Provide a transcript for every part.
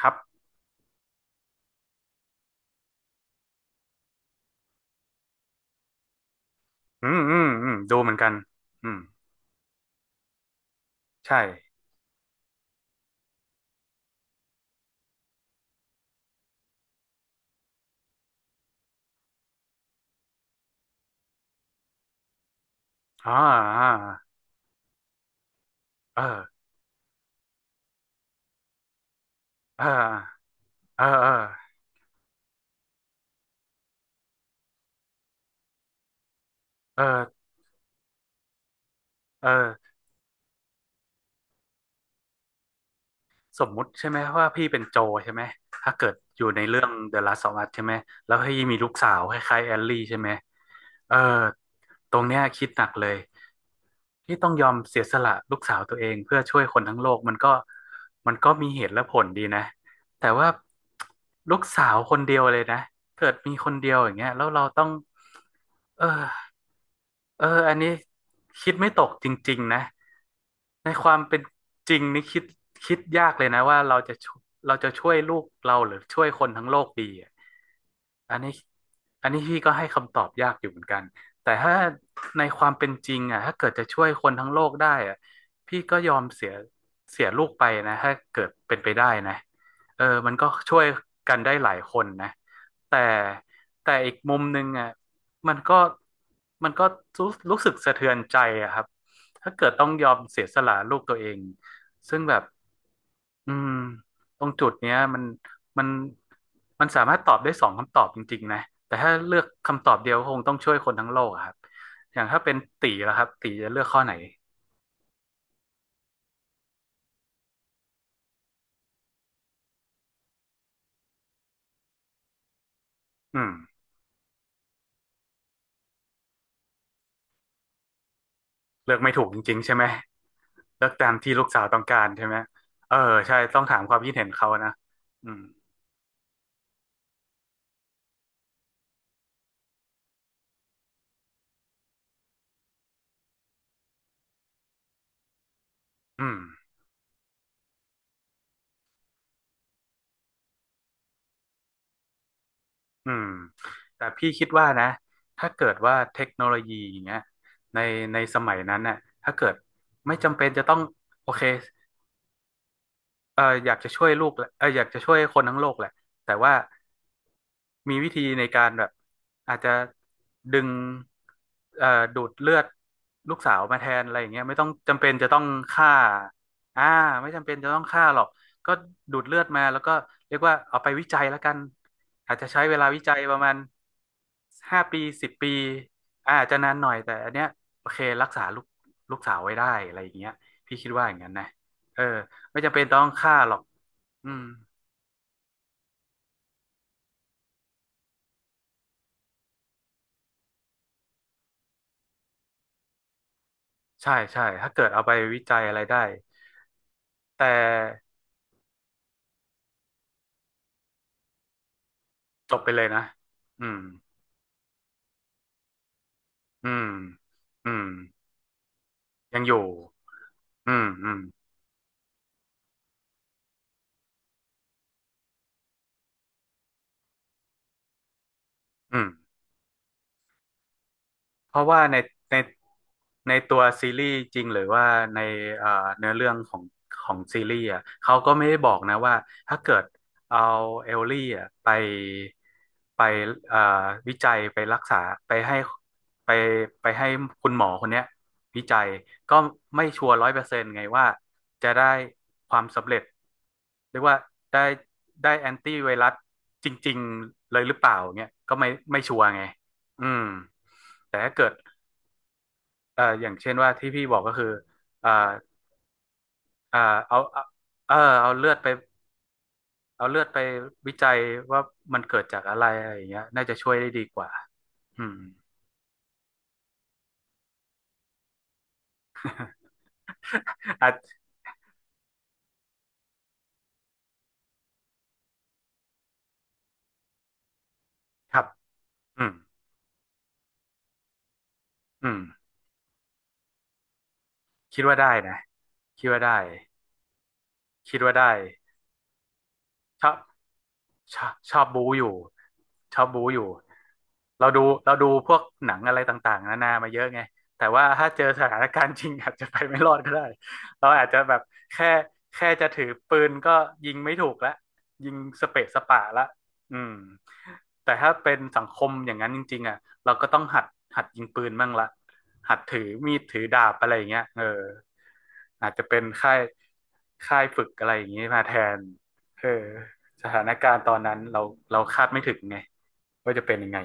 ครับอืมอืมอืมดูเหมือนกันอืมใช่อ่าอ่าเออเออเออเออเออเออสมมุติใช่ไหมว่าพี่เป็นโจใช่ไหมถ้าเกิดอยู่ในเรื่อง The Last of Us ใช่ไหมแล้วพี่มีลูกสาวคล้ายๆแอลลี่ใช่ไหมเออตรงเนี้ยคิดหนักเลยที่ต้องยอมเสียสละลูกสาวตัวเองเพื่อช่วยคนทั้งโลกมันก็มีเหตุและผลดีนะแต่ว่าลูกสาวคนเดียวเลยนะเกิดมีคนเดียวอย่างเงี้ยแล้วเราต้อง เออเอออันนี้คิดไม่ตกจริงๆนะในความเป็นจริงนี่คิดยากเลยนะว่าเราจะช่วยลูกเราหรือช่วยคนทั้งโลกดีอะอันนี้อันนี้พี่ก็ให้คำตอบยากอยู่เหมือนกันแต่ถ้าในความเป็นจริงอ่ะถ้าเกิดจะช่วยคนทั้งโลกได้อ่ะพี่ก็ยอมเสียลูกไปนะถ้าเกิดเป็นไปได้นะเออมันก็ช่วยกันได้หลายคนนะแต่แต่อีกมุมหนึ่งอ่ะ มันก็มันก็รู้สึกสะเทือนใจอะครับถ้าเกิดต้องยอมเสียสละลูกตัวเองซึ่งแบบอืมตรงจุดเนี้ยมันมันสามารถตอบได้สองคำตอบจริงๆนะแต่ถ้าเลือกคำตอบเดียวก็คงต้องช่วยคนทั้งโลกอะครับอย่างถ้าเป็นตีแล้วครับตีจะเลือกข้อไหนอืมเลือกไม่ถูกจริงๆใช่ไหมเลือกตามที่ลูกสาวต้องการใช่ไหมเออใช่ต้องถามความคิดเห็นเขานะอืมอืม อืมแต่พี่คิดว่านะถ้าเกิดว่าเทคโนโลยีอย่างเงี้ยในในสมัยนั้นน่ะถ้าเกิดไม่จำเป็นจะต้องโอเค เอออยากจะช่วยลูกแหละเอออยากจะช่วยคนทั้งโลกแหละแต่ว่ามีวิธีในการแบบอาจจะดึงเอ่อดูดเลือดลูกสาวมาแทนอะไรอย่างเงี้ยไม่ต้องจำเป็นจะต้องฆ่าอ่าไม่จำเป็นจะต้องฆ่าหรอกก็ดูดเลือดมาแล้วก็เรียกว่าเอาไปวิจัยแล้วกันอาจจะใช้เวลาวิจัยประมาณ5 ปี10 ปีอาจจะนานหน่อยแต่อันเนี้ยโอเครักษาลูกสาวไว้ได้อะไรอย่างเงี้ยพี่คิดว่าอย่างนั้นนะเออ ไม่จำเป็นต้องฆ่าหรอกอืมใช่ใช่ ถ้าเกิดเอาไปวิจัยอะไรได้ แต่จบไปเลยนะอืมอืมอืมยังอยู่อืมอืมอืม เพราะว่าในในตัวซีรีส์จริงหรือว่าในเอ่อเนื้อเรื่องของซีรีส์อ่ะเขาก็ไม่ได้บอกนะว่าถ้าเกิดเอาเอลลี่อ่ะไปเอ่อวิจัยไปรักษาไปให้ไปไปให้คุณหมอคนเนี้ยวิจัยก็ไม่ชัวร์100%ไงว่าจะได้ความสำเร็จหรือว่าได้ได้แอนตี้ไวรัสจริงๆเลยหรือเปล่าเนี่ยก็ไม่ชัวร์ไง อืมแต่ถ้าเกิดอย่างเช่นว่าที่พี่บอกก็คือเอ่อเอ่อเอาเอาเออเอาเลือดไปเอาเลือดไปวิจัยว่ามันเกิดจากอะไรอะไรอย่างเงี้ยน่าจะช่วยได้ดีกว่าอืม อ่ะครับอืมอืมคิดว่าได้นะคิดว่าได้คิดว่าได้ชอบ ชอบชอบบูอยู่ชอบบูอยู่เราดูพวกหนังอะไรต่างๆนานามาเยอะไงแต่ว่าถ้าเจอสถานการณ์จริง อาจจะไปไม่รอดก็ได้เราอาจจะแบบแค่แค่จะถือปืนก็ยิงไม่ถูกละยิงสเปะสปะละอืมแต่ถ้าเป็นสังคมอย่างนั้นจริงๆอ่ะเราก็ต้องหัดยิงปืนบ้างละหัดถือมีดถือดาบอะไรอย่างเงี้ยเอออาจจะเป็นค่ายฝึกอะไรอย่างงี้มาแทนเออ สถานการณ์ตอนนั้นเราคาดไม่ถึงไงว่าจะเป็นยังไง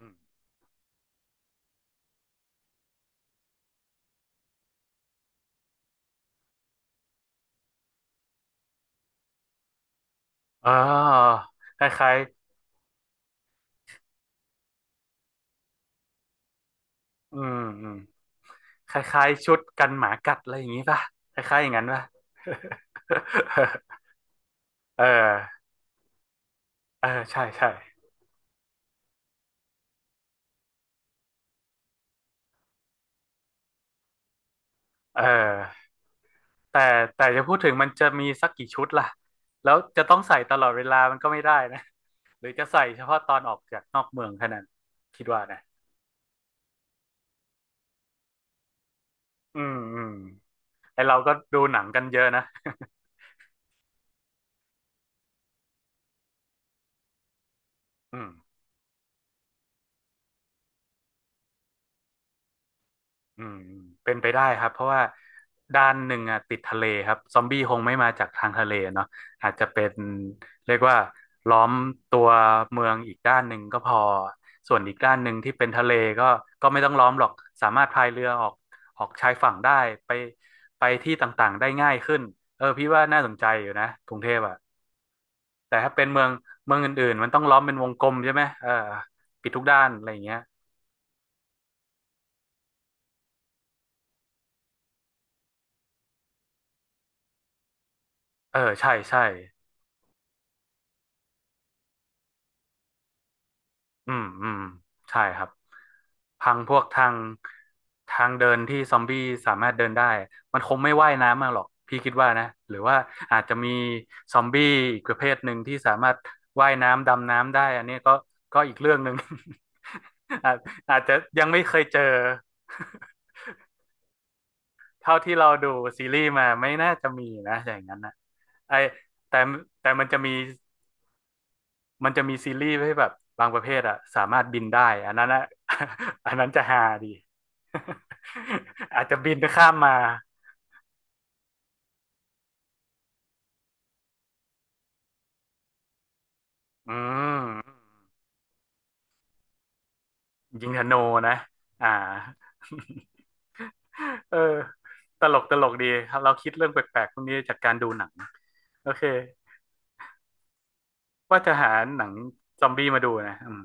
อืมอ๋อคล้ายๆอืมอืมคล้ายๆชุดกันหมากัดอะไรอย่างนี้ป่ะคล้ายๆอย่างนั้นป่ะ เออเออใช่ใช่เออแต่แต่จะพูดถึงมันจะมีสักกี่ชุดล่ะแล้วจะต้องใส่ตลอดเวลามันก็ไม่ได้นะหรือจะใส่เฉพาะตอนออกจากนอกเมืองแค่นั้นคิดว่านะอืมอืมไอเราก็ดูหนังกันเยอะนะ อืม อืมเป็นไปได้ครับเพราะว่าด้านหนึ่งอ่ะติดทะเลครับซอมบี้คงไม่มาจากทางทะเลเนาะอาจจะเป็นเรียกว่าล้อมตัวเมืองอีกด้านหนึ่งก็พอส่วนอีกด้านหนึ่งที่เป็นทะเลก็ก็ไม่ต้องล้อมหรอกสามารถพายเรือออกชายฝั่งได้ไปไปที่ต่างๆได้ง่ายขึ้นเออพี่ว่าน่าสนใจอยู่นะกรุงเทพอ่ะแต่ถ้าเป็นเมืองอื่นๆมันต้องล้อมเป็นวงกลมใช่ไหมเออปิดทุกด้านอะไรอย่างเงี้ยเออใช่ใช่ อืมอืมใช่ครับพังพวกทางเดินที่ซอมบี้สามารถเดินได้มันคงไม่ว่ายน้ำมาหรอกพี่คิดว่านะหรือว่าอาจจะมีซอมบี้อีกประเภทหนึ่งที่สามารถว่ายน้ำดำน้ำได้อันนี้ก็อีกเรื่องหนึ่ง อาจอาจจะยังไม่เคยเจอ เท่าที่เราดูซีรีส์มาไม่น่าจะมีนะอย่างนั้นนะไอแต่แต่มันจะมีซีรีส์ให้แบบบางประเภทอะสามารถบินได้อันนั้นอะ อันนั้นจะฮาดี อาจจะบินข้ามมาอืมยิงธนูนะอ่า เออตลกตลกดีครับเราคิดเรื่องแปลกๆพวกนี้จากการดูหนังโอเคว่าจะหาหนังซอมบี้มาดูนะอืม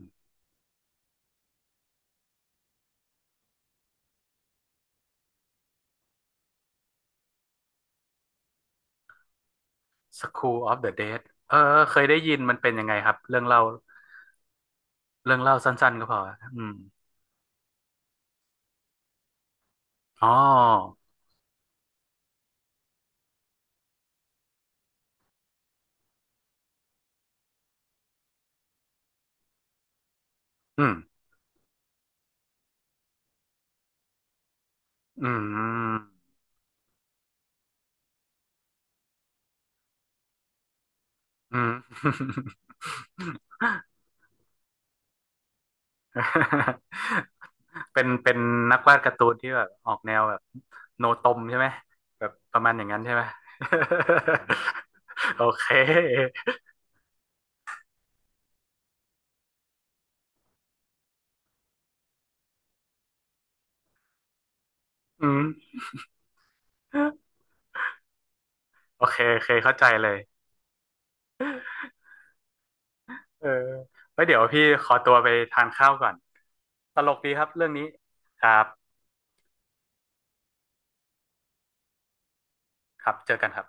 School of the Dead เออเคยได้ยินมันเป็นยังไงครับเรื่องเล่าสั้นๆก็พออืมอ๋ออืมอืม อืม เป็นนักวาดการ์ตูนที่แบบออกแนวแบบโนตมใช่ไหมแบบประมาณอย่างนั้นใช่ไหม โอเคอืมโอเคโอเคเข้าใจเลยเออไว้เดี๋ยวพี่ขอตัวไปทานข้าวก่อน ตลกดีครับเรื่องนี้ ครับครับเจอกันครับ